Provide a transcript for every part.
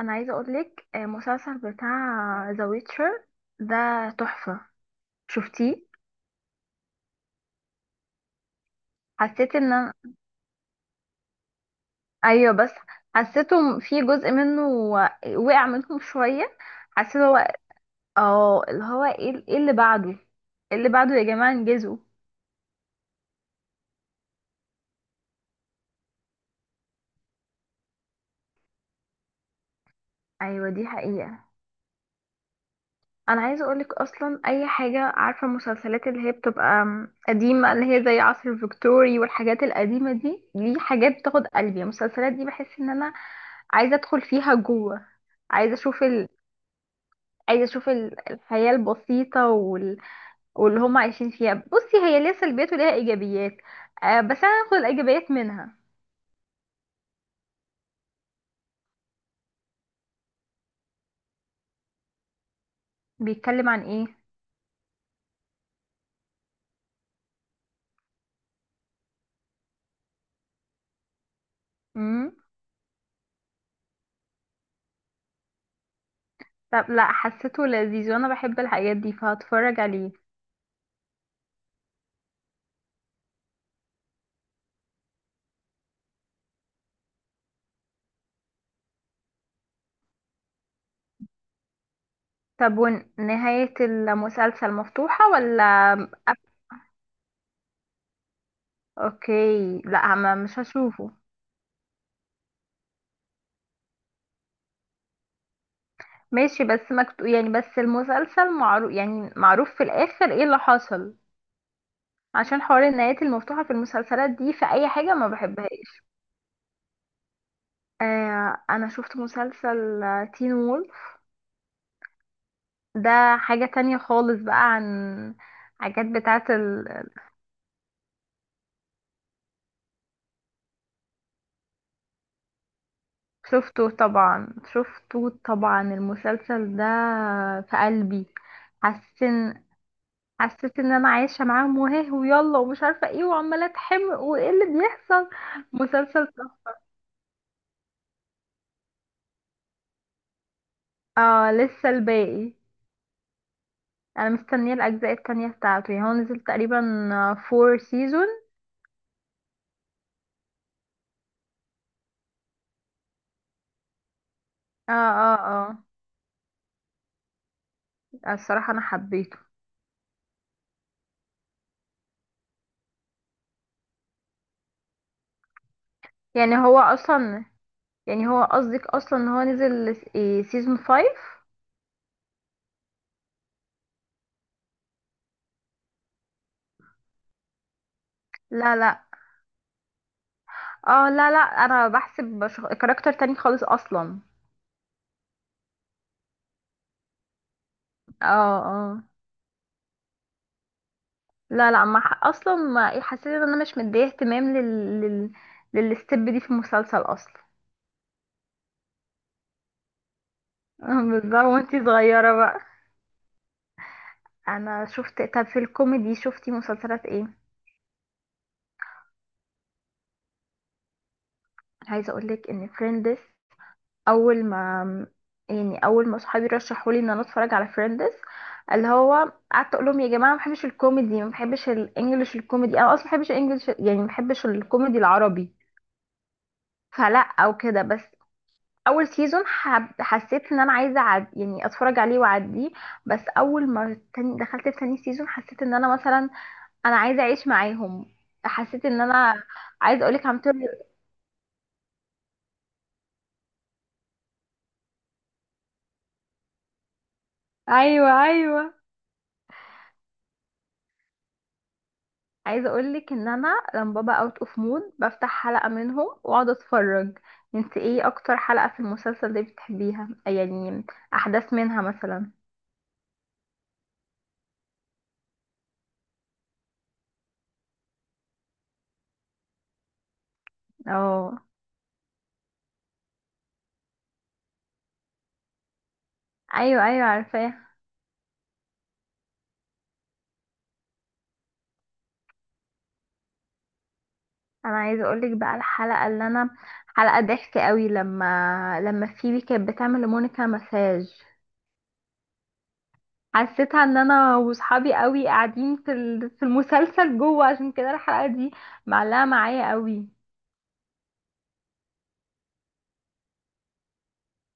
انا عايزه اقولك مسلسل بتاع ذا ويتشر ده تحفه. شفتيه؟ حسيت ان انا ايوه بس حسيته في جزء منه وقع منهم شويه. حسيت هو اه اللي هو إيه اللي بعده. إيه اللي بعده يا جماعه انجزوا. ايوه دي حقيقه. انا عايزه اقولك اصلا اي حاجه، عارفه المسلسلات اللي هي بتبقى قديمه اللي هي زي عصر الفيكتوري والحاجات القديمه دي حاجات بتاخد قلبي. المسلسلات دي بحس ان انا عايزه ادخل فيها جوه. عايزه اشوف عايزه اشوف الحياه البسيطه واللي هم عايشين فيها. بصي، هي ليها سلبيات وليها ايجابيات. آه بس انا هاخد الايجابيات منها. بيتكلم عن ايه؟ امم. طب لا، حسيته لذيذ وانا بحب الحاجات دي فهتفرج عليه. طب ونهاية المسلسل مفتوحة ولا؟ قف- اوكي لا، ما مش هشوفه. ماشي بس يعني بس المسلسل معروف، يعني معروف في الاخر ايه اللي حصل. عشان حوار النهايات المفتوحة في المسلسلات دي في اي حاجة ما بحبهاش. انا شفت مسلسل تين وولف. ده حاجة تانية خالص بقى عن حاجات بتاعت شفته طبعا، شفته طبعا، المسلسل ده في قلبي. حاسس إن- حسيت ان انا عايشه معاهم وهاه ويلا ومش عارفه ايه وعماله اتحمق وايه اللي بيحصل. مسلسل تحفة. اه لسه الباقي. انا مستنيه الاجزاء التانية بتاعته. يعني هو نزل تقريبا فور سيزون. اه اه. اه الصراحه انا حبيته. يعني هو اصلا يعني هو قصدك اصلا ان هو نزل سيزون فايف؟ لا لا. اه لا لا، انا بحسب كاركتر تاني خالص اصلا. اه اه. لا لا ما ح- اصلا ما حسيت ان انا مش مديه اهتمام لل لل للستيب دي في المسلسل اصلا. بالظبط وانتي صغيره بقى. انا شفت. طب في الكوميدي شفتي مسلسلات ايه؟ عايزه اقولك ان فريندز، اول ما يعني اول ما صحابي رشحوا لي ان انا اتفرج على فريندز، اللي هو قعدت اقول لهم يا جماعه ما بحبش الكوميدي، ما بحبش الانجليش الكوميدي، انا اصلا ما بحبش الانجليش يعني، ما بحبش الكوميدي العربي. فلا او كده بس. اول سيزون حسيت ان انا عايزه يعني اتفرج عليه واعديه. بس اول ما دخلت في تاني سيزون، حسيت ان انا مثلا انا عايزه اعيش معاهم. حسيت ان انا عايزه اقولك عم تقول. ايوه ايوه. عايزه اقولك ان انا لما بابا اوت اوف مود بفتح حلقه منهم واقعد اتفرج. انت ايه اكتر حلقه في المسلسل ده بتحبيها يعني؟ احداث منها مثلا. اه ايوه ايوه عارفاها. انا عايزه اقولك بقى الحلقه اللي انا، حلقه ضحك قوي لما فيبي كانت بتعمل لمونيكا مساج. حسيتها ان انا وصحابي قوي قاعدين في في المسلسل جوه. عشان كده الحلقه دي معلقه معايا قوي.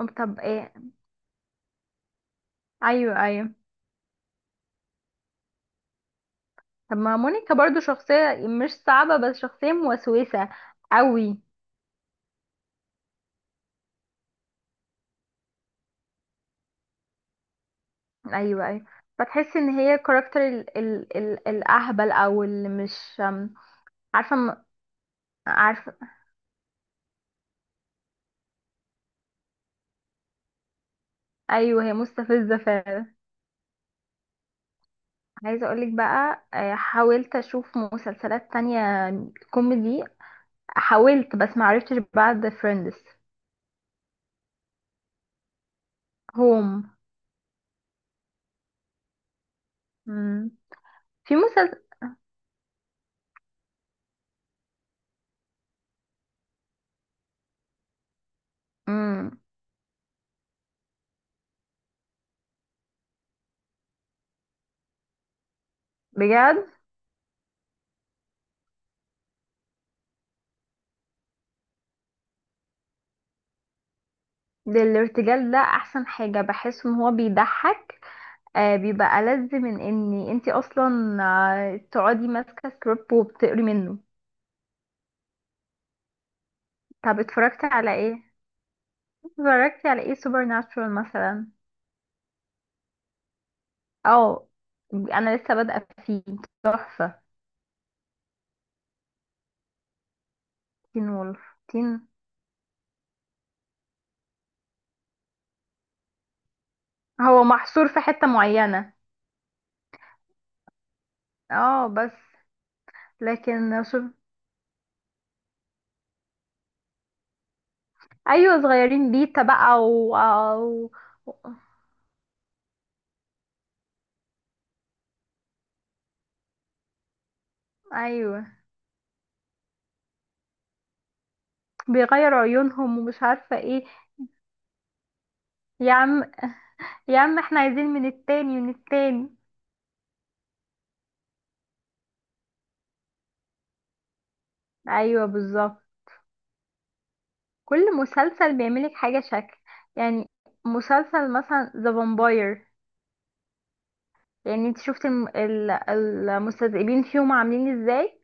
طب ايه؟ ايوه ايوه. طب ما مونيكا برضو شخصيه مش صعبه، بس شخصيه موسوسه قوي. ايوه ايوه. فتحس ان هي كاركتر ال ال ال الاهبل او اللي مش عارفه، عارفه. ايوه هي مستفزه فعلا. عايزة اقولك بقى حاولت اشوف مسلسلات تانية كوميدي. حاولت بس معرفتش بعد فريندز. هوم. امم. في مسلسل. مم. بجد؟ ده الارتجال ده احسن حاجة، بحس ان هو بيضحك. بيبقى ألذ من ان انتي اصلا تقعدي ماسكة سكريبت وبتقري منه. طب اتفرجتي على ايه؟ اتفرجتي على ايه، سوبر ناتشورال مثلا؟ اه انا لسه بادئة فيه. تحفة. تين وولف. هو محصور في حتة معينة. اه بس. لكن شوف. ايوه صغيرين بيتا بقى و... ايوه بيغيروا عيونهم ومش عارفة ايه. يا عم يا عم احنا عايزين من التاني من التاني. ايوه بالظبط. كل مسلسل بيعملك حاجة شكل يعني. مسلسل مثلا ذا فامباير يعني، انت شفت المستذئبين فيهم عاملين ازاي.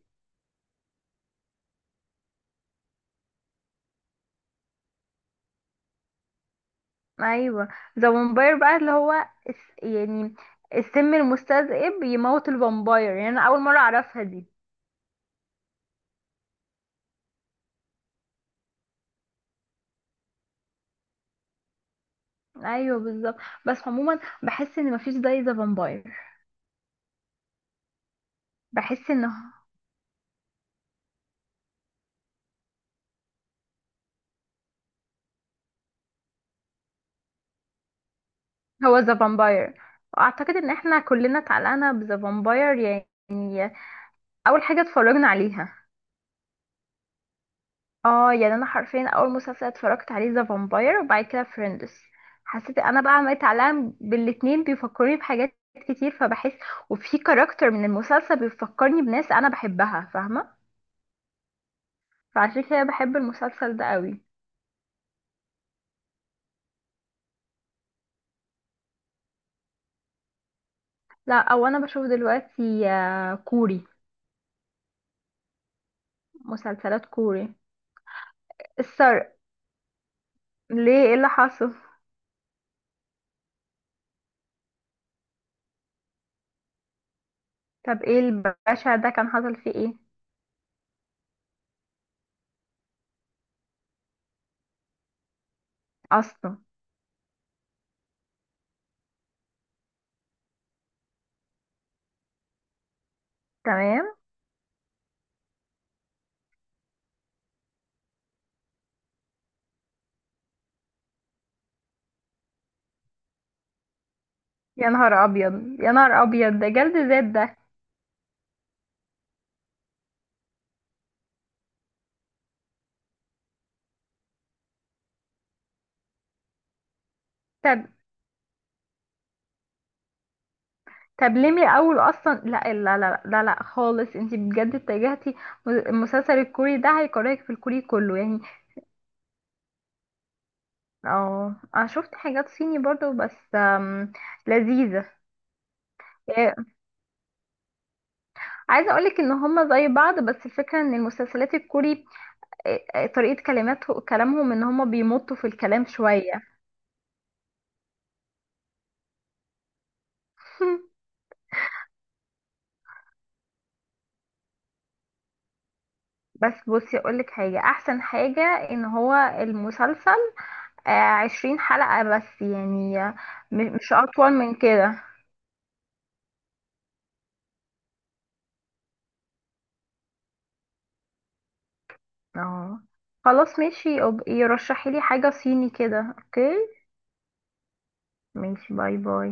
ايوه ذا وامباير بقى اللي هو يعني السم المستذئب يموت الفامباير يعني انا اول مره اعرفها دي. ايوه بالظبط. بس عموما بحس ان مفيش زي ذا فامباير. بحس ان هو ذا فامباير، واعتقد ان احنا كلنا اتعلقنا بذا فامباير يعني اول حاجه اتفرجنا عليها. اه يعني انا حرفيا اول مسلسل اتفرجت عليه ذا فامباير وبعد كده فريندس. حسيت انا بقى عملت علام بالاتنين، بيفكرني بحاجات كتير فبحس. وفي كاركتر من المسلسل بيفكرني بناس انا بحبها، فاهمه. فعشان كده بحب المسلسل ده قوي. لا او انا بشوف دلوقتي كوري. مسلسلات كوري. السرق. ليه؟ ايه اللي حصل؟ طب ايه الباشا ده كان حصل فيه ايه؟ اصلا. تمام. يا نهار ابيض، يا نهار ابيض، ده جلد ذات ده. طب طب ليه من الاول اصلا؟ لا لا لا لا لا خالص. انتي بجد اتجهتي. المسلسل الكوري ده هيكرهك في الكوري كله يعني. اه انا شفت حاجات صيني برضو بس لذيذة. آه، عايزة اقولك ان هما زي بعض، بس الفكرة ان المسلسلات الكوري طريقة كلماته كلامهم ان هما بيمطوا في الكلام شوية. بس بصي اقولك حاجة احسن حاجة، ان هو المسلسل 20 حلقة بس يعني، آه، مش اطول من كده. اه خلاص ماشي، يبقى يرشحي لي حاجة صيني كده. اوكي. ماشي باي باي.